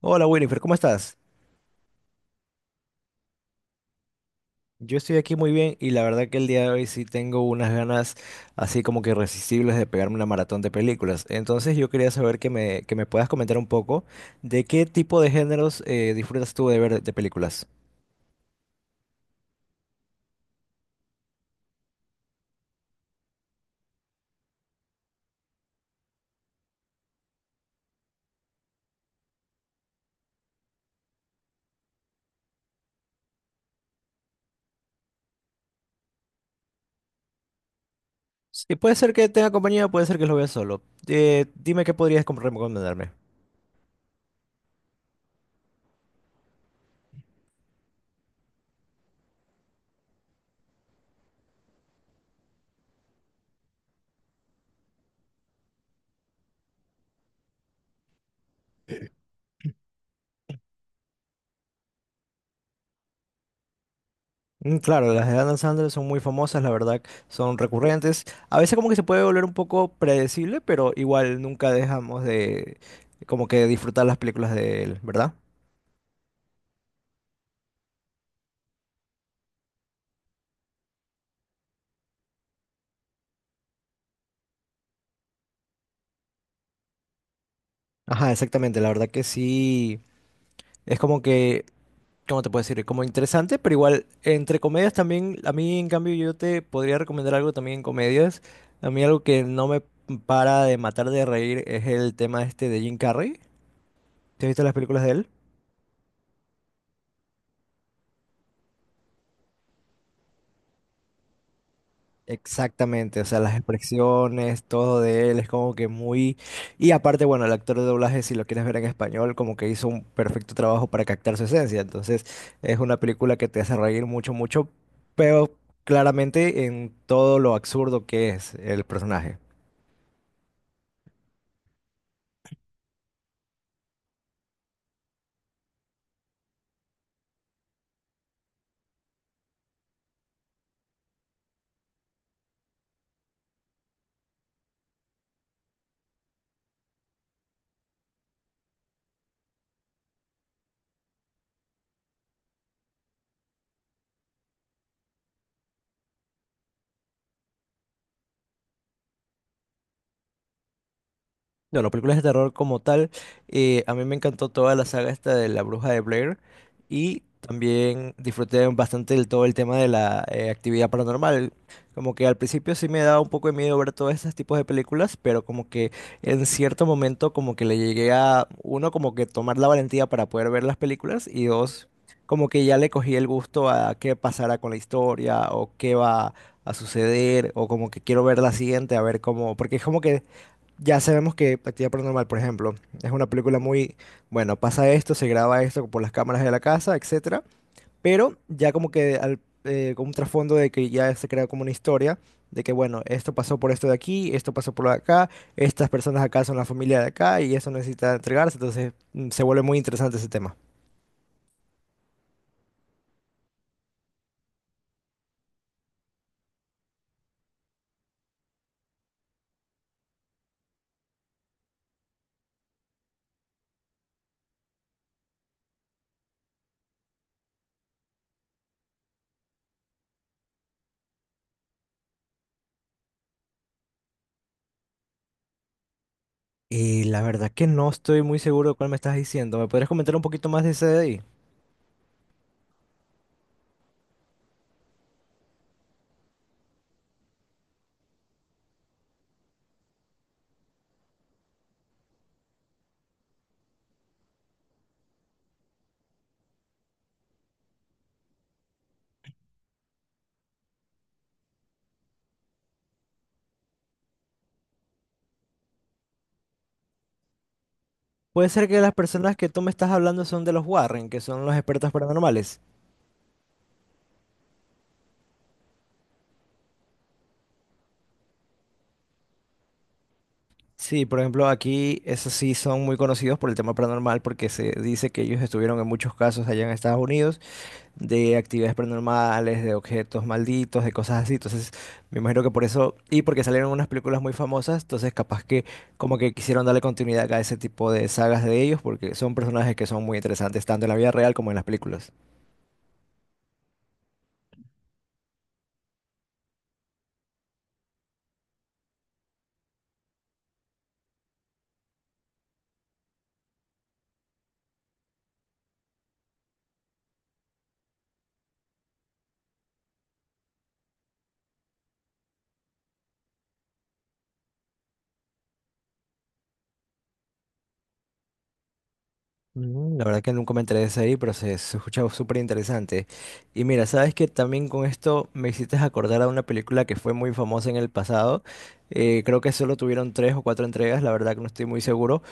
Hola Winifred, ¿cómo estás? Yo estoy aquí muy bien y la verdad que el día de hoy sí tengo unas ganas así como que irresistibles de pegarme una maratón de películas. Entonces yo quería saber que me puedas comentar un poco de qué tipo de géneros disfrutas tú de ver de películas. Y puede ser que tenga compañía, puede ser que lo vea solo. Dime qué podrías recomendarme. Mm, claro, las de Adam Sandler son muy famosas, la verdad, son recurrentes. A veces como que se puede volver un poco predecible, pero igual nunca dejamos de como que disfrutar las películas de él, ¿verdad? Ajá, exactamente, la verdad que sí, es como que, ¿cómo te puedo decir? Como interesante, pero igual entre comedias también, a mí en cambio yo te podría recomendar algo también en comedias. A mí algo que no me para de matar de reír es el tema este de Jim Carrey. ¿Te has visto las películas de él? Exactamente, o sea, las expresiones, todo de él es como que muy... Y aparte, bueno, el actor de doblaje, si lo quieres ver en español, como que hizo un perfecto trabajo para captar su esencia. Entonces, es una película que te hace reír mucho, mucho, pero claramente en todo lo absurdo que es el personaje. No, las películas de terror como tal, a mí me encantó toda la saga esta de La Bruja de Blair y también disfruté bastante todo el tema de la actividad paranormal. Como que al principio sí me daba un poco de miedo ver todos estos tipos de películas, pero como que en cierto momento como que le llegué a, uno, como que tomar la valentía para poder ver las películas y dos, como que ya le cogí el gusto a qué pasará con la historia o qué va a suceder o como que quiero ver la siguiente, a ver cómo, porque es como que... Ya sabemos que Actividad Paranormal, por ejemplo, es una película muy, bueno, pasa esto, se graba esto por las cámaras de la casa, etcétera, pero ya como que con un trasfondo de que ya se crea como una historia de que, bueno, esto pasó por esto de aquí, esto pasó por acá, estas personas acá son la familia de acá y eso necesita entregarse, entonces se vuelve muy interesante ese tema. Y la verdad que no estoy muy seguro de cuál me estás diciendo. ¿Me podrías comentar un poquito más de ese de ahí? Puede ser que las personas que tú me estás hablando son de los Warren, que son los expertos paranormales. Sí, por ejemplo, aquí esos sí son muy conocidos por el tema paranormal porque se dice que ellos estuvieron en muchos casos allá en Estados Unidos de actividades paranormales, de objetos malditos, de cosas así. Entonces, me imagino que por eso, y porque salieron unas películas muy famosas, entonces capaz que como que quisieron darle continuidad a ese tipo de sagas de ellos porque son personajes que son muy interesantes tanto en la vida real como en las películas. Mm, la verdad que nunca me enteré de esa ahí, pero se escucha súper interesante. Y mira, sabes que también con esto me hiciste acordar a una película que fue muy famosa en el pasado. Creo que solo tuvieron tres o cuatro entregas, la verdad que no estoy muy seguro.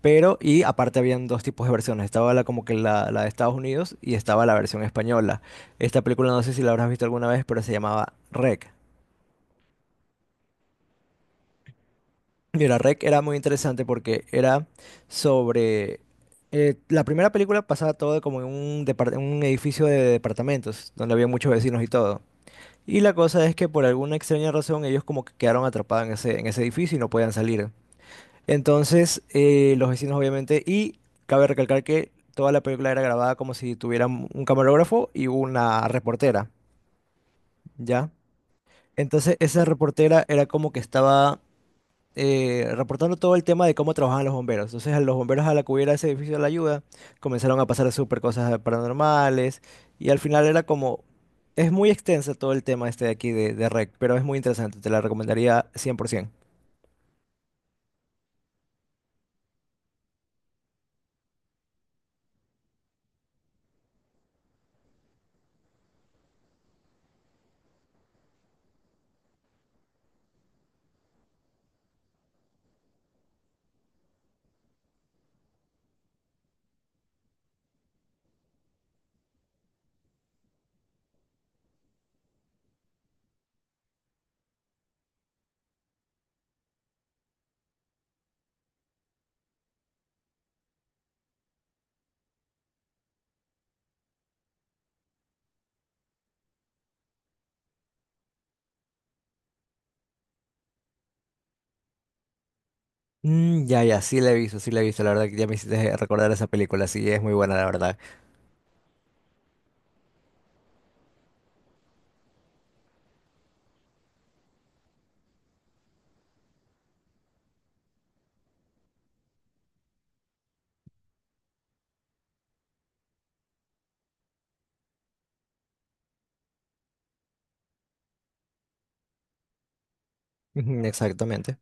Pero, y aparte habían dos tipos de versiones. Estaba la como que la de Estados Unidos y estaba la versión española. Esta película no sé si la habrás visto alguna vez, pero se llamaba REC. Y la REC era muy interesante porque era sobre... la primera película pasaba todo como en un, un edificio de departamentos, donde había muchos vecinos y todo. Y la cosa es que por alguna extraña razón ellos como que quedaron atrapados en ese edificio y no podían salir. Entonces los vecinos obviamente... Y cabe recalcar que toda la película era grabada como si tuvieran un camarógrafo y una reportera, ¿ya? Entonces esa reportera era como que estaba reportando todo el tema de cómo trabajaban los bomberos. Entonces, a los bomberos a la que hubiera ese edificio de la ayuda, comenzaron a pasar súper cosas paranormales y al final era como... Es muy extensa todo el tema este de aquí de REC, pero es muy interesante, te la recomendaría 100%. Mm, ya, ya, sí la he visto, sí la he visto, la verdad que ya me hiciste recordar esa película, sí, es muy buena, la verdad. Ujú, exactamente.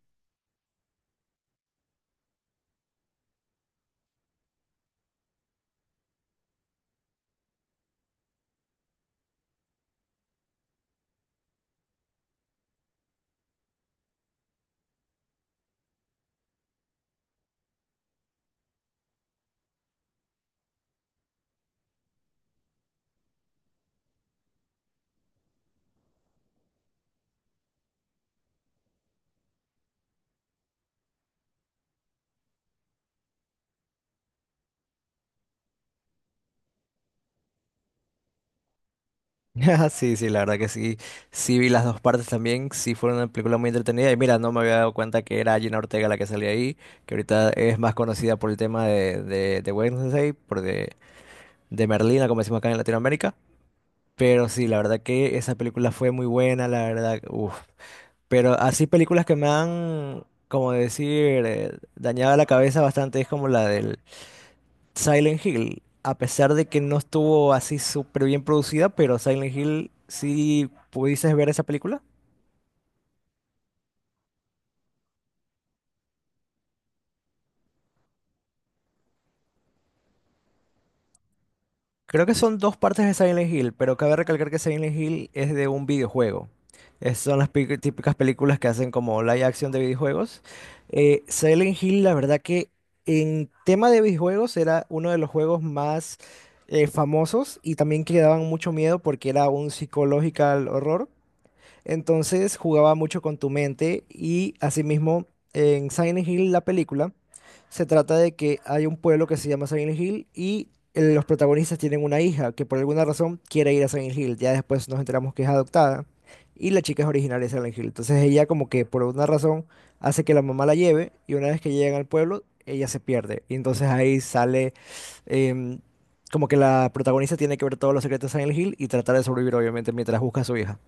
Sí, sí, la verdad que sí. Sí vi las dos partes también. Sí fue una película muy entretenida. Y mira, no me había dado cuenta que era Gina Ortega la que salía ahí, que ahorita es más conocida por el tema de Wednesday, de Merlina, como decimos acá en Latinoamérica. Pero sí, la verdad que esa película fue muy buena, la verdad. Uf. Pero así películas que me han, como decir, dañado la cabeza bastante es como la del Silent Hill, a pesar de que no estuvo así súper bien producida, pero Silent Hill, sí pudieses ver esa película. Creo que son dos partes de Silent Hill, pero cabe recalcar que Silent Hill es de un videojuego. Son las típicas películas que hacen como live action de videojuegos. Silent Hill, la verdad que en tema de videojuegos era uno de los juegos más famosos y también que daban mucho miedo porque era un psychological horror. Entonces jugaba mucho con tu mente y asimismo en Silent Hill la película se trata de que hay un pueblo que se llama Silent Hill y los protagonistas tienen una hija que por alguna razón quiere ir a Silent Hill. Ya después nos enteramos que es adoptada y la chica es originaria de Silent Hill. Entonces ella como que por alguna razón hace que la mamá la lleve y una vez que llegan al pueblo ella se pierde. Y entonces ahí sale em, como que la protagonista tiene que ver todos los secretos de Silent Hill y tratar de sobrevivir obviamente mientras busca a su hija.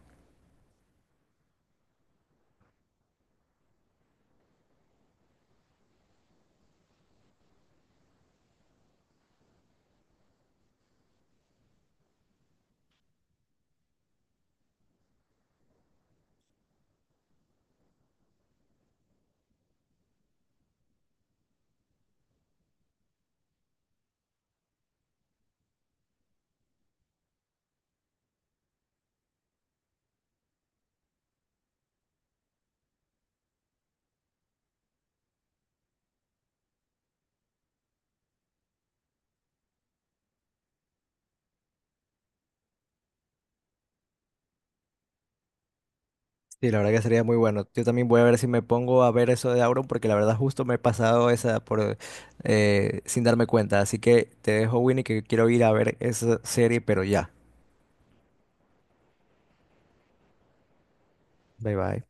Sí, la verdad que sería muy bueno. Yo también voy a ver si me pongo a ver eso de Auron, porque la verdad justo me he pasado esa por sin darme cuenta. Así que te dejo, Winnie, que quiero ir a ver esa serie, pero ya. Bye bye.